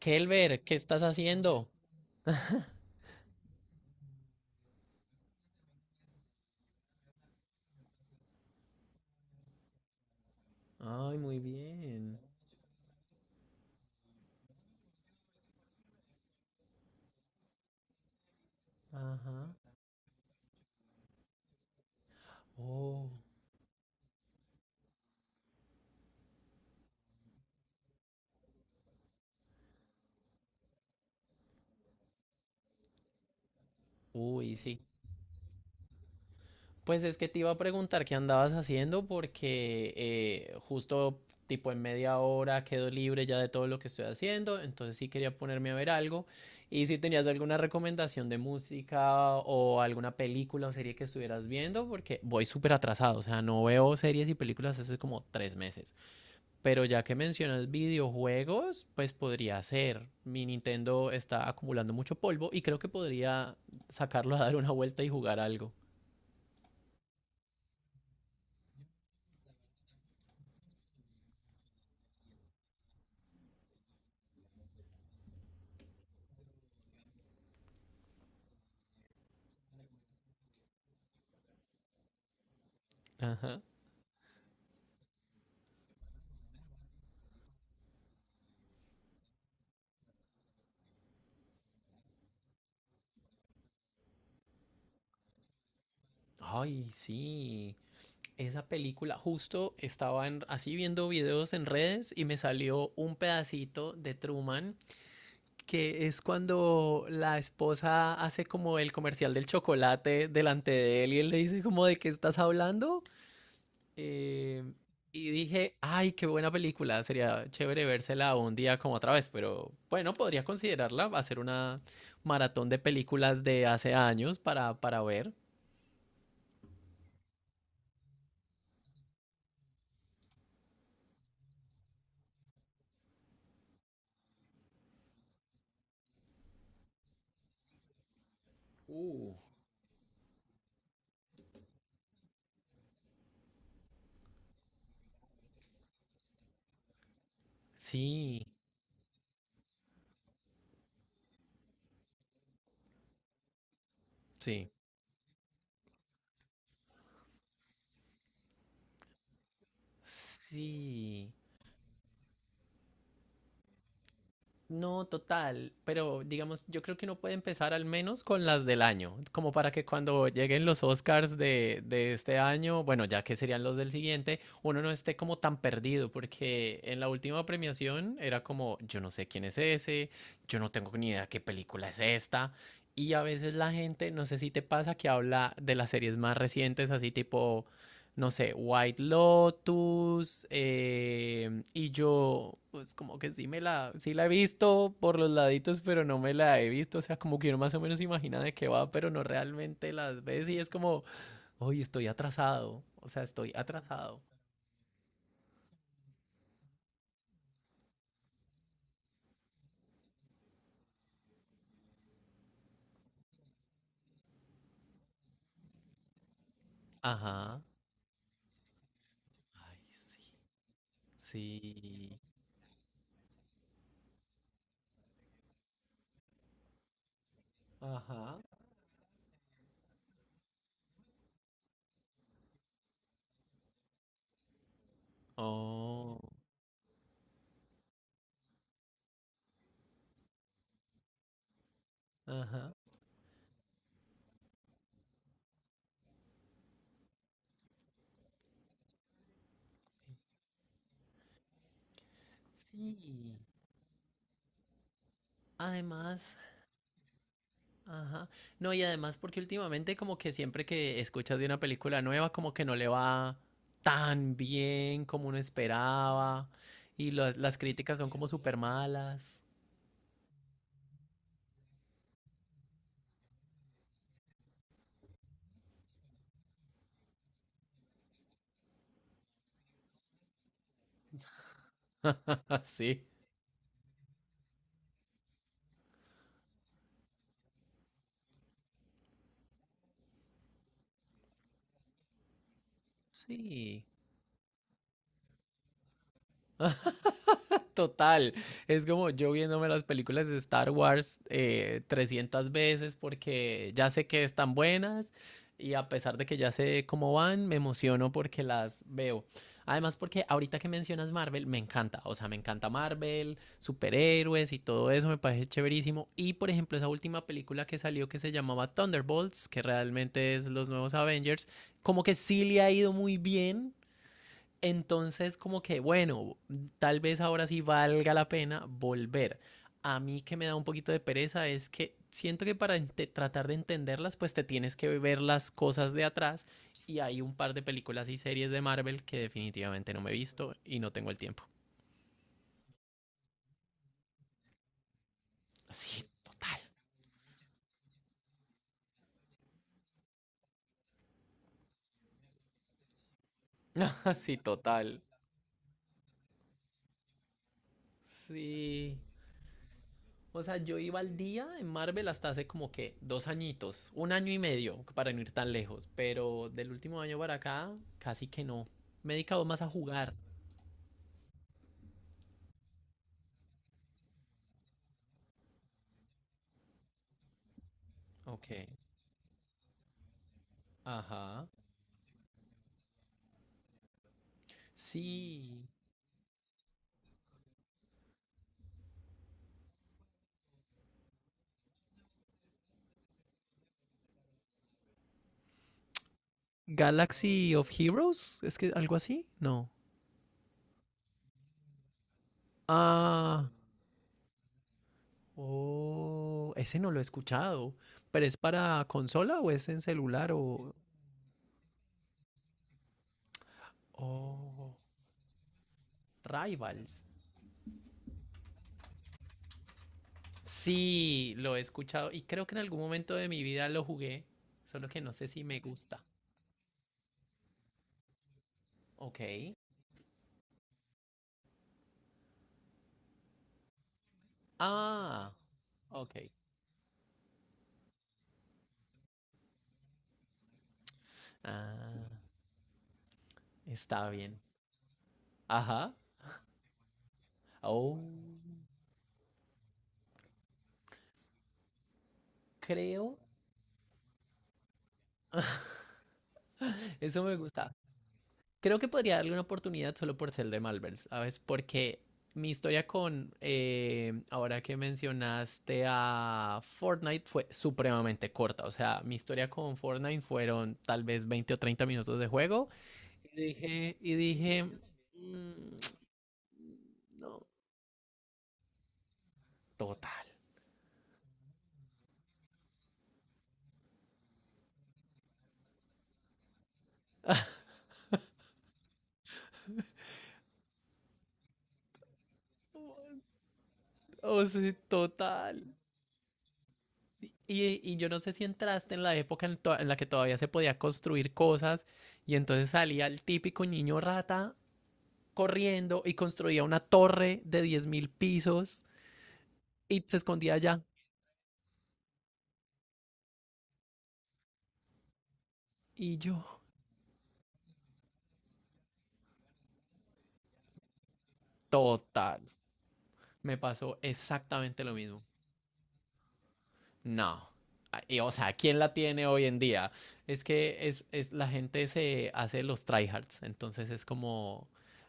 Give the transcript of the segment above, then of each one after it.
Kelber, ¿qué estás haciendo? Ay, muy bien. Ajá. Oh, uy, sí. Pues es que te iba a preguntar qué andabas haciendo porque justo tipo en media hora quedo libre ya de todo lo que estoy haciendo, entonces sí quería ponerme a ver algo y si tenías alguna recomendación de música o alguna película o serie que estuvieras viendo porque voy súper atrasado, o sea, no veo series y películas hace como tres meses. Pero ya que mencionas videojuegos, pues podría ser. Mi Nintendo está acumulando mucho polvo y creo que podría sacarlo a dar una vuelta y jugar algo. Ajá. Ay, sí. Esa película, justo estaba así viendo videos en redes y me salió un pedacito de Truman, que es cuando la esposa hace como el comercial del chocolate delante de él y él le dice como de qué estás hablando. Eh, y dije, ay, qué buena película, sería chévere vérsela un día como otra vez, pero bueno, podría considerarla, hacer una maratón de películas de hace años para ver. Uh, Sí, sí, sí. No, total, pero digamos, yo creo que uno puede empezar al menos con las del año, como para que cuando lleguen los Oscars de este año, bueno, ya que serían los del siguiente, uno no esté como tan perdido, porque en la última premiación era como, yo no sé quién es ese, yo no tengo ni idea qué película es esta, y a veces la gente, no sé si te pasa, que habla de las series más recientes, así tipo no sé, White Lotus, y yo, pues como que sí me la, sí la he visto por los laditos, pero no me la he visto, o sea, como que uno más o menos imagina de qué va, pero no realmente las ves y es como, hoy estoy atrasado, o sea, estoy atrasado. Ajá. Ay, sí. Sí. Ajá. Oh, ajá. Sí. Además, ajá. No, y además porque últimamente como que siempre que escuchas de una película nueva como que no le va tan bien como uno esperaba y las críticas son como súper malas. Así. Sí. Total. Es como yo viéndome las películas de Star Wars 300 veces porque ya sé que están buenas y a pesar de que ya sé cómo van, me emociono porque las veo. Además, porque ahorita que mencionas Marvel, me encanta. O sea, me encanta Marvel, superhéroes y todo eso, me parece chéverísimo. Y por ejemplo, esa última película que salió que se llamaba Thunderbolts, que realmente es los nuevos Avengers, como que sí le ha ido muy bien, entonces, como que, bueno, tal vez ahora sí valga la pena volver. A mí que me da un poquito de pereza es que siento que para tratar de entenderlas, pues te tienes que ver las cosas de atrás y hay un par de películas y series de Marvel que definitivamente no me he visto y no tengo el tiempo. Así, total. Así, total. Sí. O sea, yo iba al día en Marvel hasta hace como que dos añitos, un año y medio, para no ir tan lejos, pero del último año para acá, casi que no. Me he dedicado más a jugar. Ok. Ajá. Sí. Galaxy of Heroes, es que algo así, no. Ah, oh, ese no lo he escuchado, pero es para consola o es en celular o... Oh, Rivals. Sí, lo he escuchado y creo que en algún momento de mi vida lo jugué, solo que no sé si me gusta. Ok. Ah, ok. Ah, está bien. Ajá. Oh, creo. Eso me gusta. Creo que podría darle una oportunidad solo por ser de Malvers, ¿sabes? Porque mi historia con, ahora que mencionaste a Fortnite, fue supremamente corta. O sea, mi historia con Fortnite fueron tal vez 20 o 30 minutos de juego. Y dije, "Mm, no, total. O sea, total. Y yo no sé si entraste en la época en la que todavía se podía construir cosas y entonces salía el típico niño rata corriendo y construía una torre de 10.000 pisos y se escondía allá. Y yo, total, me pasó exactamente lo mismo. No. Ah, y, o sea, ¿quién la tiene hoy en día? Es que la gente se hace los tryhards, entonces es como,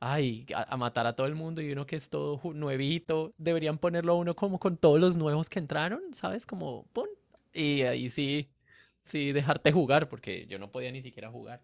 ay, a matar a todo el mundo y uno que es todo nuevito, deberían ponerlo a uno como con todos los nuevos que entraron, ¿sabes? Como, pon. Y ahí sí, sí, dejarte jugar, porque yo no podía ni siquiera jugar.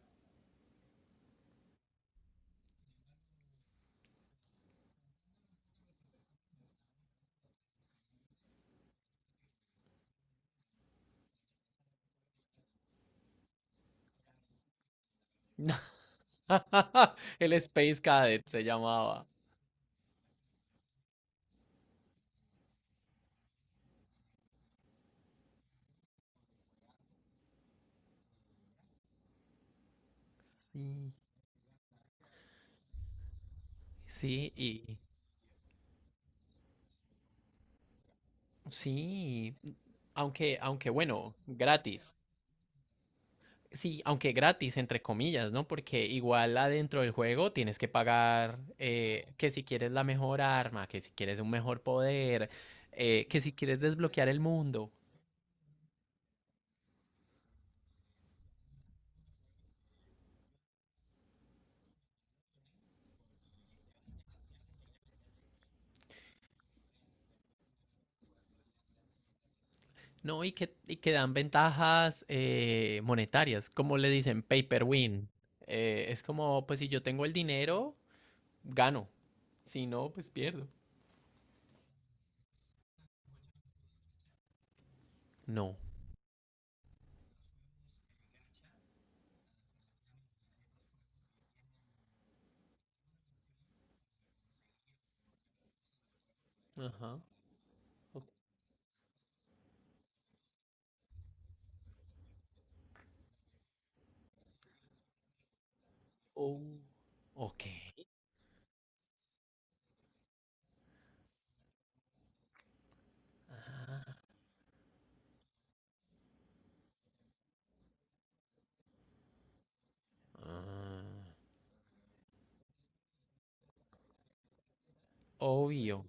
El Space Cadet se llamaba. Sí. Sí, y sí, aunque bueno, gratis. Sí, aunque gratis, entre comillas, ¿no? Porque igual adentro del juego tienes que pagar, que si quieres la mejor arma, que si quieres un mejor poder, que si quieres desbloquear el mundo, ¿no? Y que dan ventajas, monetarias, como le dicen, paper win. Es como, pues si yo tengo el dinero, gano. Si no, pues pierdo. No. Ajá. O- oh, ok. Ah, ah, obvio.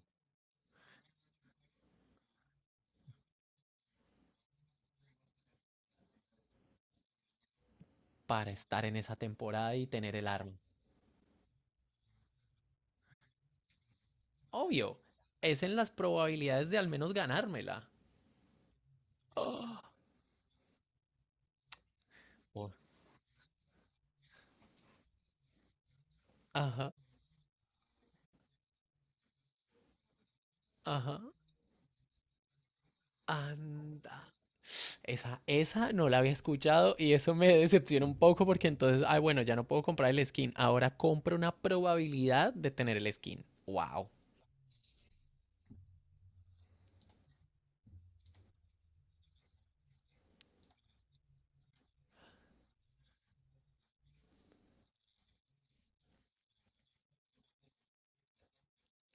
Para estar en esa temporada y tener el arma. Obvio, es en las probabilidades de al menos ganármela. Ah, por- ajá, ajá, anda. Esa no la había escuchado y eso me decepciona un poco porque entonces, ay, bueno, ya no puedo comprar el skin. Ahora compro una probabilidad de tener el skin. Wow.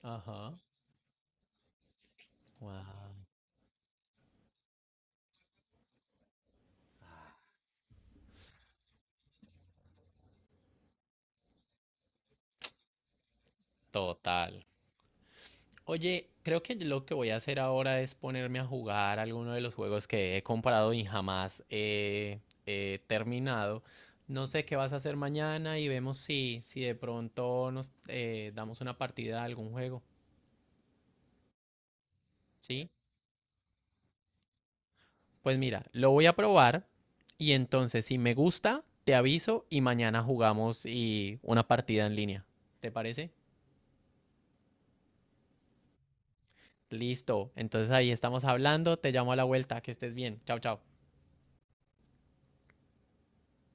Ajá. Wow. Total. Oye, creo que lo que voy a hacer ahora es ponerme a jugar alguno de los juegos que he comprado y jamás he terminado. No sé qué vas a hacer mañana y vemos si, si de pronto nos damos una partida a algún juego. ¿Sí? Pues mira, lo voy a probar y entonces si me gusta, te aviso y mañana jugamos y una partida en línea. ¿Te parece? Listo. Entonces ahí estamos hablando. Te llamo a la vuelta. Que estés bien. Chao, chao.